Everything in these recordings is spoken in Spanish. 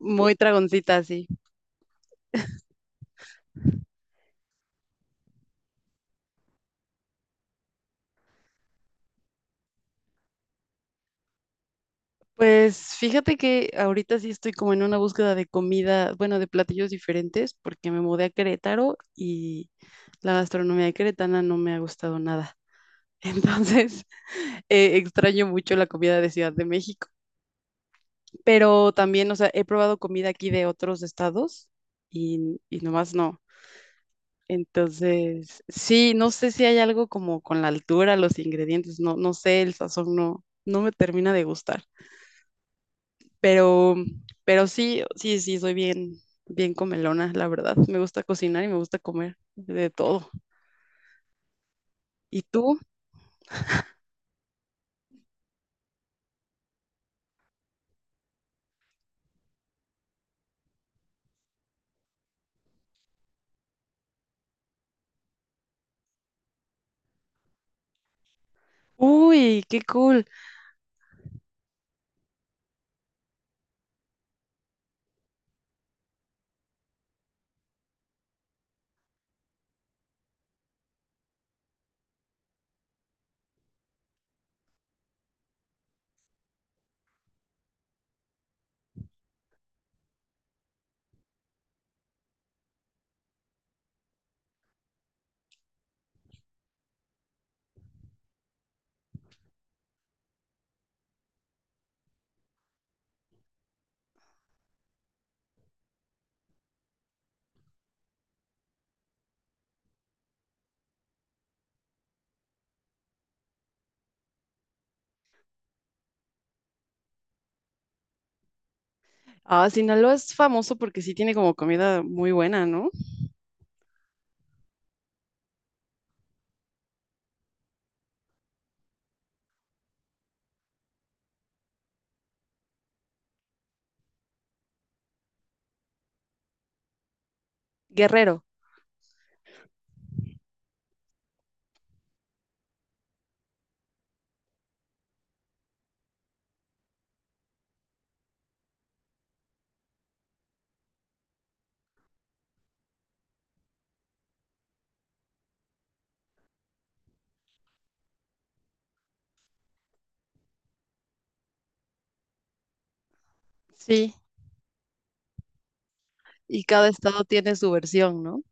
Muy tragoncita, sí. Pues fíjate que ahorita sí estoy como en una búsqueda de comida, bueno, de platillos diferentes, porque me mudé a Querétaro y la gastronomía queretana no me ha gustado nada. Entonces, extraño mucho la comida de Ciudad de México, pero también, o sea, he probado comida aquí de otros estados y nomás no. Entonces, sí, no sé si hay algo como con la altura, los ingredientes, no, no sé, el sazón no, no me termina de gustar. Pero, pero sí, sí, sí, soy bien, bien comelona, la verdad. Me gusta cocinar y me gusta comer de todo. ¿Y tú? Uy, qué cool. Ah, Sinaloa es famoso porque sí tiene como comida muy buena, ¿no? Guerrero. Sí, y cada estado tiene su versión, ¿no?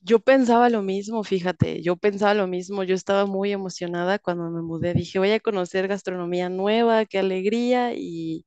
Yo pensaba lo mismo, fíjate, yo pensaba lo mismo, yo estaba muy emocionada cuando me mudé, dije, voy a conocer gastronomía nueva, qué alegría,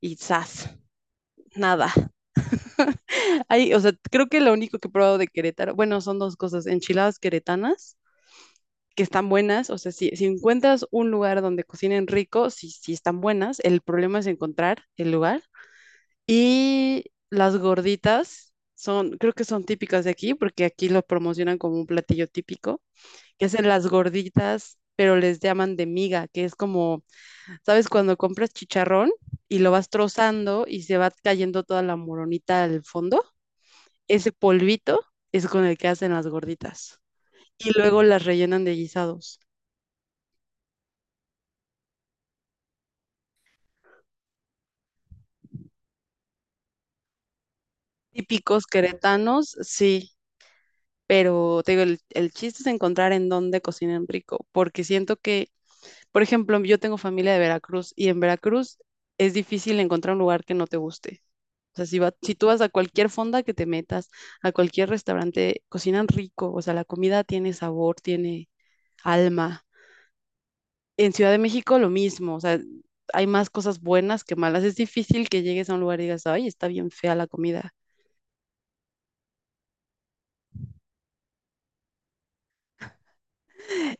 y ¡zas! Nada. Hay, o sea, creo que lo único que he probado de Querétaro, bueno, son dos cosas, enchiladas queretanas, que están buenas, o sea, si encuentras un lugar donde cocinen rico, sí, sí están buenas, el problema es encontrar el lugar. Y las gorditas son, creo que son típicas de aquí, porque aquí lo promocionan como un platillo típico, que hacen las gorditas, pero les llaman de miga, que es como, ¿sabes? Cuando compras chicharrón y lo vas trozando y se va cayendo toda la moronita al fondo. Ese polvito es con el que hacen las gorditas y luego las rellenan de guisados. Típicos queretanos, sí, pero te digo, el chiste es encontrar en dónde cocinan rico, porque siento que, por ejemplo, yo tengo familia de Veracruz y en Veracruz es difícil encontrar un lugar que no te guste. O sea, si, si tú vas a cualquier fonda que te metas, a cualquier restaurante, cocinan rico, o sea, la comida tiene sabor, tiene alma. En Ciudad de México lo mismo, o sea, hay más cosas buenas que malas. Es difícil que llegues a un lugar y digas, ay, está bien fea la comida.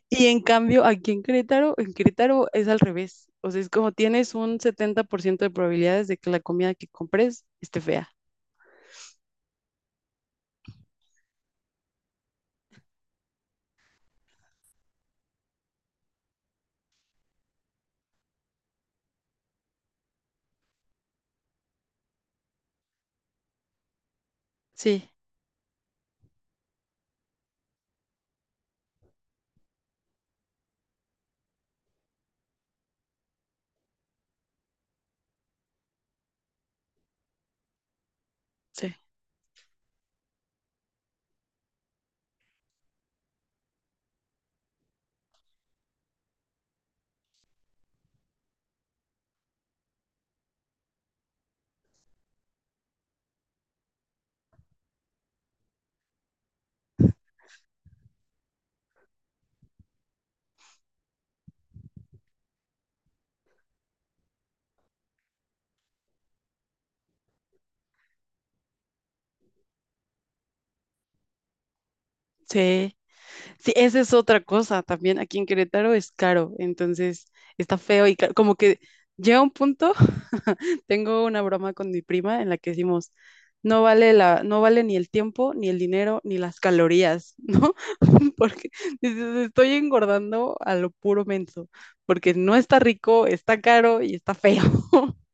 Y en cambio, aquí en Querétaro es al revés. O sea, es como tienes un 70% de probabilidades de que la comida que compres esté fea. Sí, sí, sí. Sí, esa es otra cosa también. Aquí en Querétaro es caro, entonces está feo y como que llega un punto. Tengo una broma con mi prima en la que decimos, no vale la, no vale ni el tiempo, ni el dinero, ni las calorías, ¿no? Porque dices, estoy engordando a lo puro menso, porque no está rico, está caro y está feo.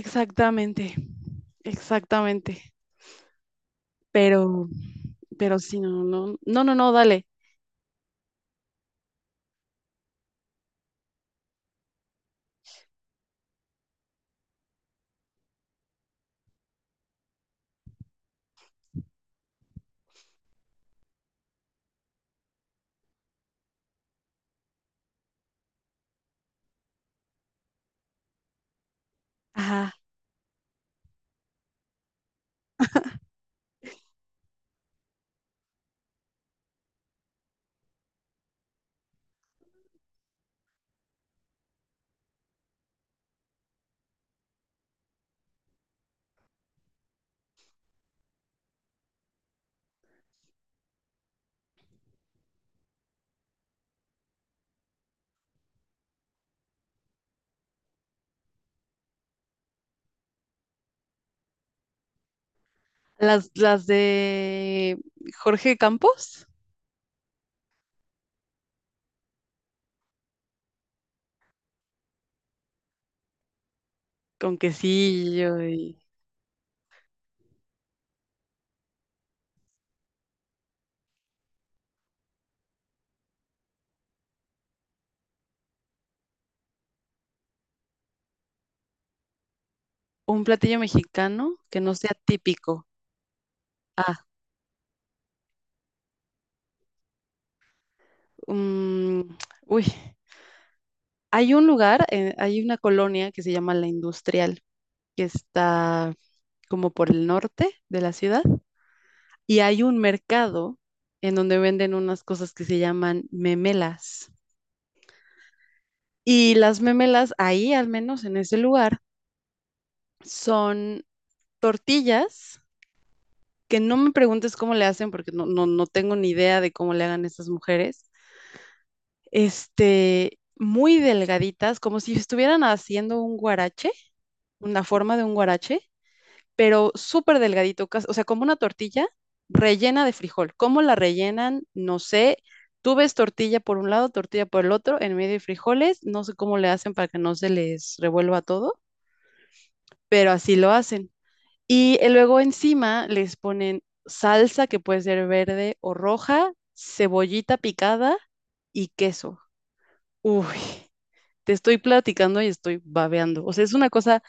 Exactamente, exactamente. Pero, pero sí, no, no, no, no, no, dale. Ajá. Las de Jorge Campos, con quesillo y un platillo mexicano que no sea típico. Ah, mm, uy, hay un lugar, hay una colonia que se llama La Industrial, que está como por el norte de la ciudad, y hay un mercado en donde venden unas cosas que se llaman memelas. Y las memelas ahí, al menos en ese lugar, son tortillas que no me preguntes cómo le hacen porque no, no, no tengo ni idea de cómo le hagan estas mujeres. Este, muy delgaditas, como si estuvieran haciendo un guarache, la forma de un guarache, pero súper delgadito, o sea, como una tortilla rellena de frijol. ¿Cómo la rellenan? No sé. Tú ves tortilla por un lado, tortilla por el otro, en medio de frijoles, no sé cómo le hacen para que no se les revuelva todo, pero así lo hacen. Y luego encima les ponen salsa que puede ser verde o roja, cebollita picada y queso. Uy, te estoy platicando y estoy babeando. O sea, es una cosa.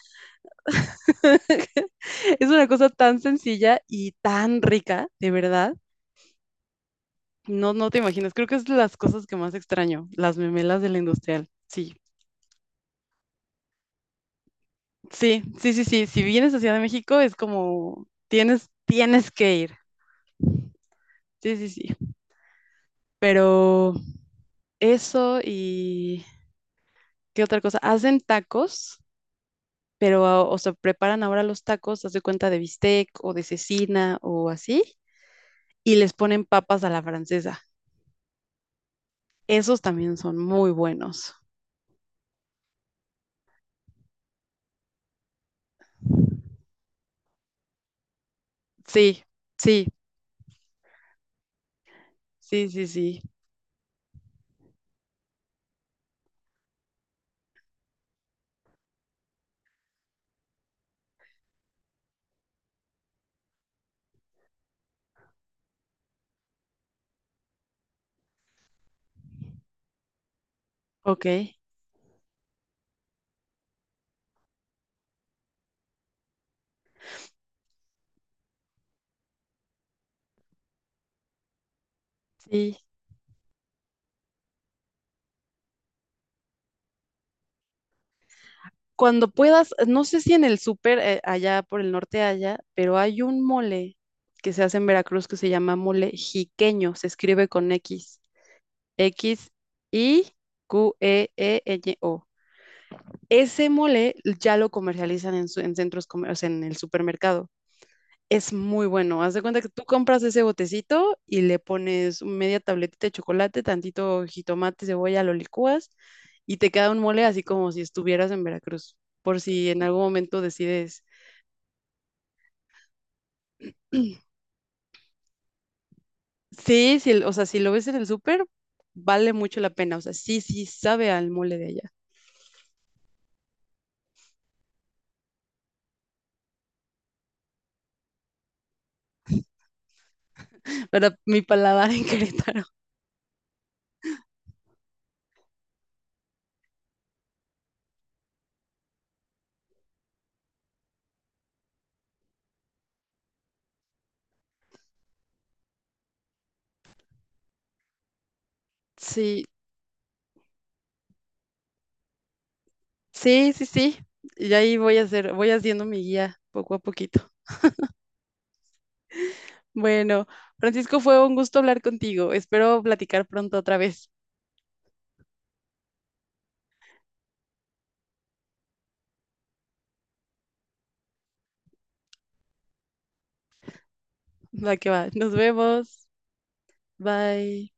Es una cosa tan sencilla y tan rica, de verdad. No, no te imaginas. Creo que es de las cosas que más extraño, las memelas de la industrial. Sí, sí, sí, sí, sí. Si vienes a Ciudad de México es como tienes, que ir. Sí, sí, sí. Pero eso y ¿qué otra cosa? Hacen tacos, pero ah, o sea, preparan ahora los tacos, haz de cuenta de bistec o de cecina o así, y les ponen papas a la francesa. Esos también son muy buenos. Sí, sí, sí, sí, sí. Ok, sí. Cuando puedas, no sé si en el súper allá por el norte haya, pero hay un mole que se hace en Veracruz que se llama mole jiqueño, se escribe con X, XIQEEÑO. Ese mole ya lo comercializan en, en centros, o sea, en el supermercado. Es muy bueno. Haz de cuenta que tú compras ese botecito y le pones media tabletita de chocolate, tantito jitomate, cebolla, lo licúas y te queda un mole así como si estuvieras en Veracruz, por si en algún momento decides. Sí, sí, o sea, si lo ves en el súper, vale mucho la pena. O sea, sí, sí, sabe al mole de allá. Para mi paladar en Querétaro. Sí, sí, sí, sí. Y ahí voy a hacer, voy haciendo mi guía poco a poquito. Bueno, Francisco, fue un gusto hablar contigo. Espero platicar pronto otra vez. Va que va. Nos vemos. Bye.